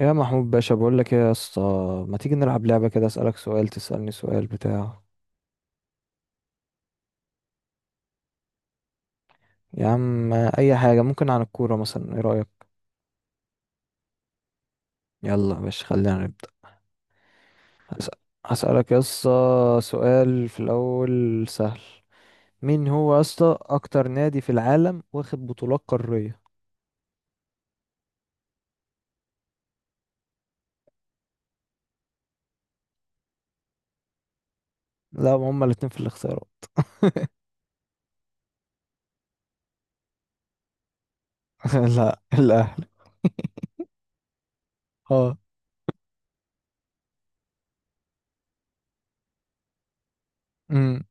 يا محمود باشا، بقول لك ايه يا اسطى؟ ما تيجي نلعب لعبة كده، اسألك سؤال تسألني سؤال بتاع. يا عم اي حاجة، ممكن عن الكورة مثلا. ايه رأيك؟ يلا يا باشا خلينا نبدأ. هس- هسألك يا اسطى سؤال في الاول سهل. مين هو يا اسطى اكتر نادي في العالم واخد بطولات قارية؟ لا، ما هما الاتنين في الاختيارات. لا، الاهلي. اه. امم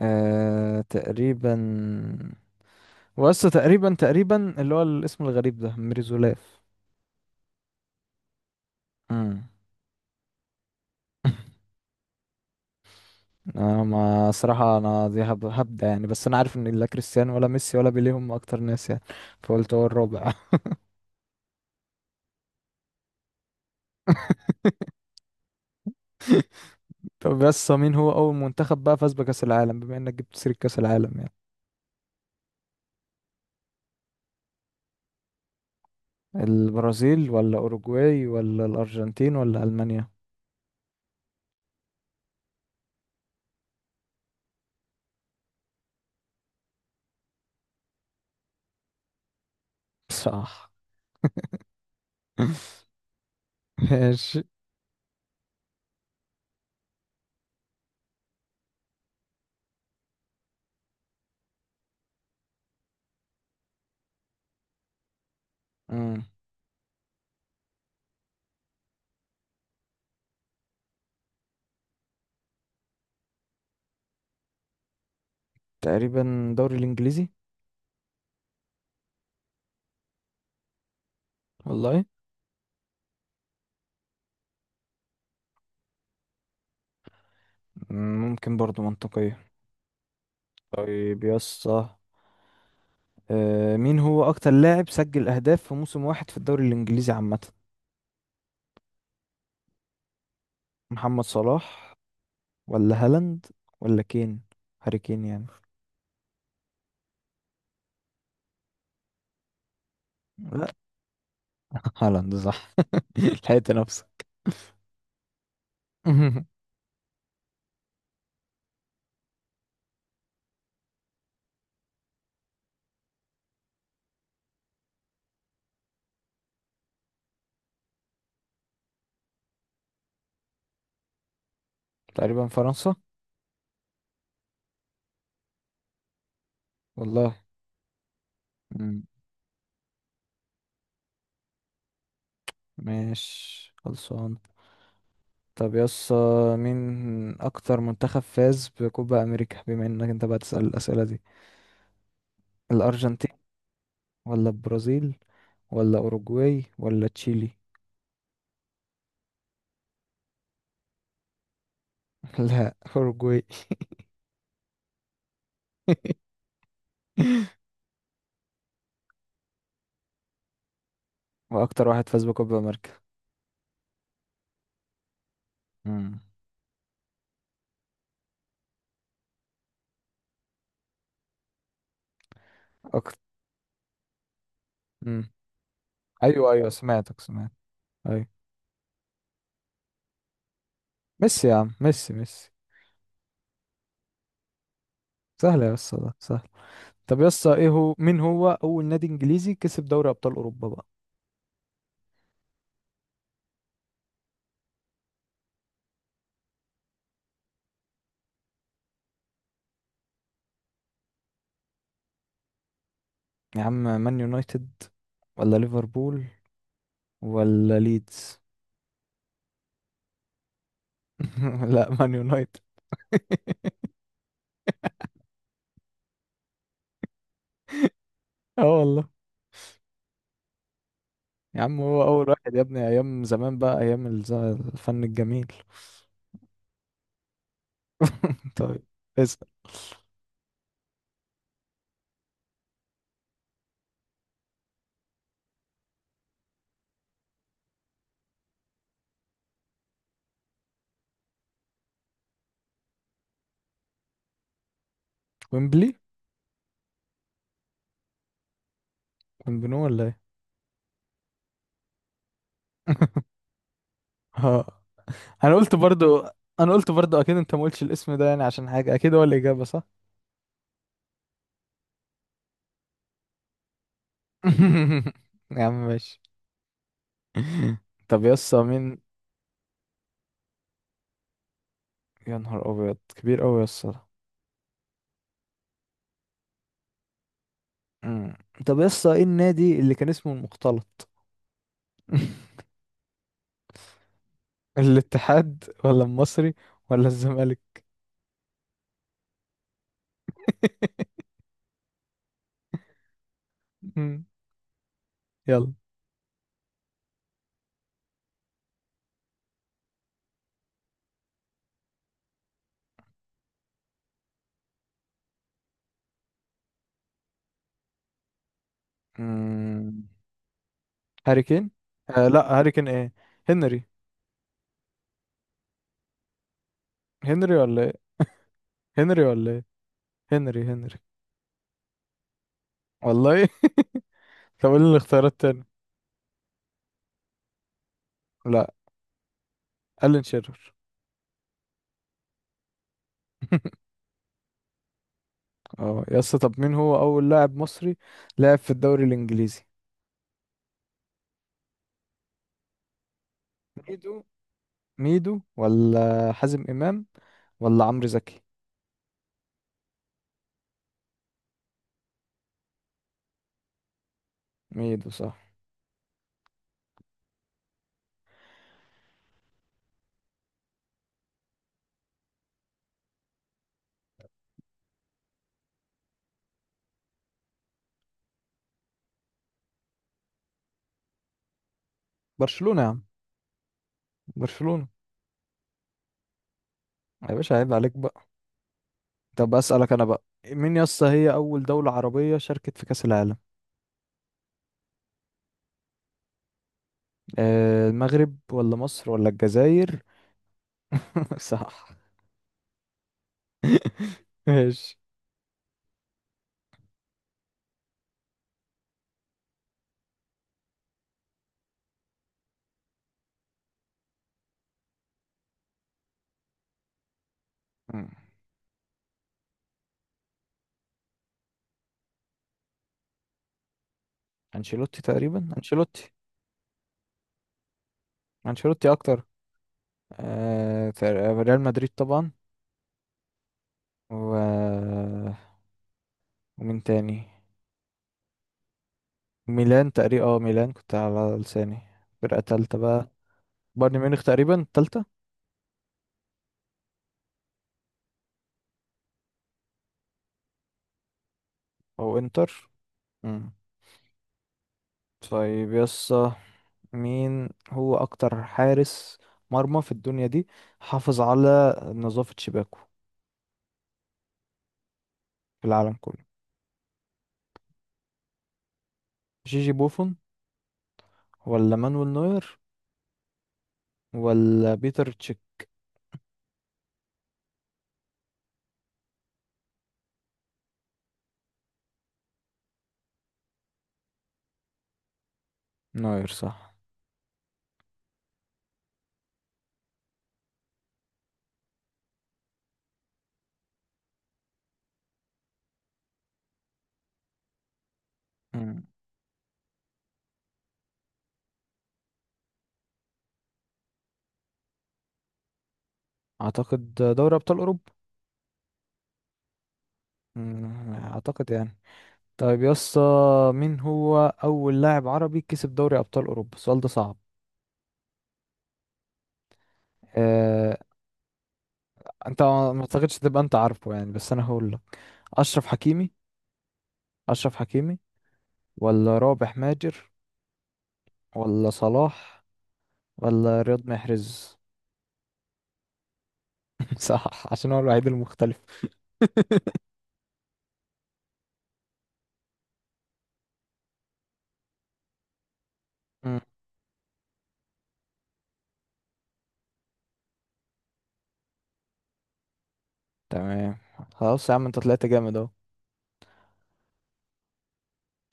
تقريبا. واسطى، تقريبا تقريبا اللي هو الاسم الغريب ده، ميرزولاف. امم انا، ما صراحة، انا دي هبدأ يعني. بس انا عارف ان لا كريستيانو ولا ميسي ولا بيليه هم اكتر ناس يعني، فقلت هو الرابع. طب بس مين هو اول منتخب بقى فاز بكأس العالم، بما انك جبت سيرة كأس العالم يعني؟ البرازيل ولا اوروجواي ولا الارجنتين ولا المانيا؟ صح. ماشي. مم. تقريبا الدوري الانجليزي. والله، مم، ممكن برضو منطقية. طيب يسطا، مين هو اكتر لاعب سجل اهداف في موسم واحد في الدوري الانجليزي عامة؟ محمد صلاح ولا هالاند ولا كين، هاري كين يعني. لا. هالاند صح. لحقت نفسك. تقريبا فرنسا. والله. مم. ماشي خلصان. طب مين اكتر منتخب فاز بكوبا امريكا، بما انك انت بقى تسأل الاسئلة دي؟ الارجنتين ولا البرازيل ولا اوروجواي ولا تشيلي؟ لا، اوروجواي. واكتر واحد فاز بكوبا امريكا. مم. اكتر. مم. ايوه، ايوه، سمعتك سمعت. ايوه. ميسي يا عم، ميسي ميسي. سهل يا اسطى، ده سهل. طب يا اسطى، ايه هو مين هو اول نادي انجليزي كسب دوري ابطال اوروبا بقى؟ يا عم، مان يونايتد ولا ليفربول ولا ليدز؟ لا، مان يونايتد. اه والله. يا عم هو اول واحد يا ابني، ايام زمان بقى، ايام الفن الجميل. طيب. اسال. ويمبلي ويمبنو ولا ايه؟ اه، انا قلت برضو، انا قلت برضو اكيد انت ما قلتش الاسم ده يعني عشان حاجه، اكيد هو الاجابه صح. يا عم ماشي. طب يسا، مين؟ يا نهار ابيض، كبير اوي يسا ده. مم. طب يسا، ايه النادي اللي كان اسمه المختلط؟ الاتحاد ولا المصري ولا الزمالك؟ مم. يلا. مم. هاري كين. لا، هاري كين ايه؟ هنري. هنري ولا ايه؟ هنري ولا ايه؟ هنري هنري. والله. طب قول لي الاختيارات تاني. لا، ألين شيرر. اه يا اسطى، طب مين هو اول لاعب مصري لعب في الدوري الانجليزي؟ ميدو. ميدو ولا حازم امام ولا عمرو زكي. ميدو صح. برشلونة يا عم. برشلونة. يا باشا عيب عليك بقى. طب اسالك انا بقى، مين يا اسطى هي اول دولة عربية شاركت في كأس العالم؟ المغرب ولا مصر ولا الجزائر؟ صح. ماشي. مم. انشيلوتي، تقريبا انشيلوتي. اكتر. آه تق- ريال مدريد طبعا. و... ومين تاني؟ ميلان تقريبا. اه، ميلان كنت على لساني. فرقة تالتة بقى. بايرن ميونخ تقريبا تالتة. او انتر. مم. طيب يسا، مين هو اكتر حارس مرمى في الدنيا دي حافظ على نظافة شباكه في العالم كله؟ جيجي بوفون ولا مانويل نوير ولا بيتر تشيك؟ نوير صح. مم. اعتقد دوري ابطال اوروبا. اعتقد يعني. طيب يسا، مين هو اول لاعب عربي كسب دوري ابطال اوروبا؟ السؤال ده صعب. أه... انت ما اعتقدش تبقى انت عارفه يعني، بس انا هقول. أشرف حكيمي. أشرف حكيمي ولا رابح ماجر ولا صلاح ولا رياض محرز. صح، عشان هو الوحيد المختلف. مم. تمام. خلاص يا عم، انت طلعت جامد اهو.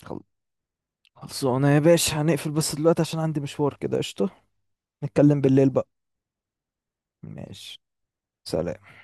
خل- خلصونا يا باشا، هنقفل بس دلوقتي عشان عندي مشوار كده. قشطة، نتكلم بالليل بقى. ماشي. سلام.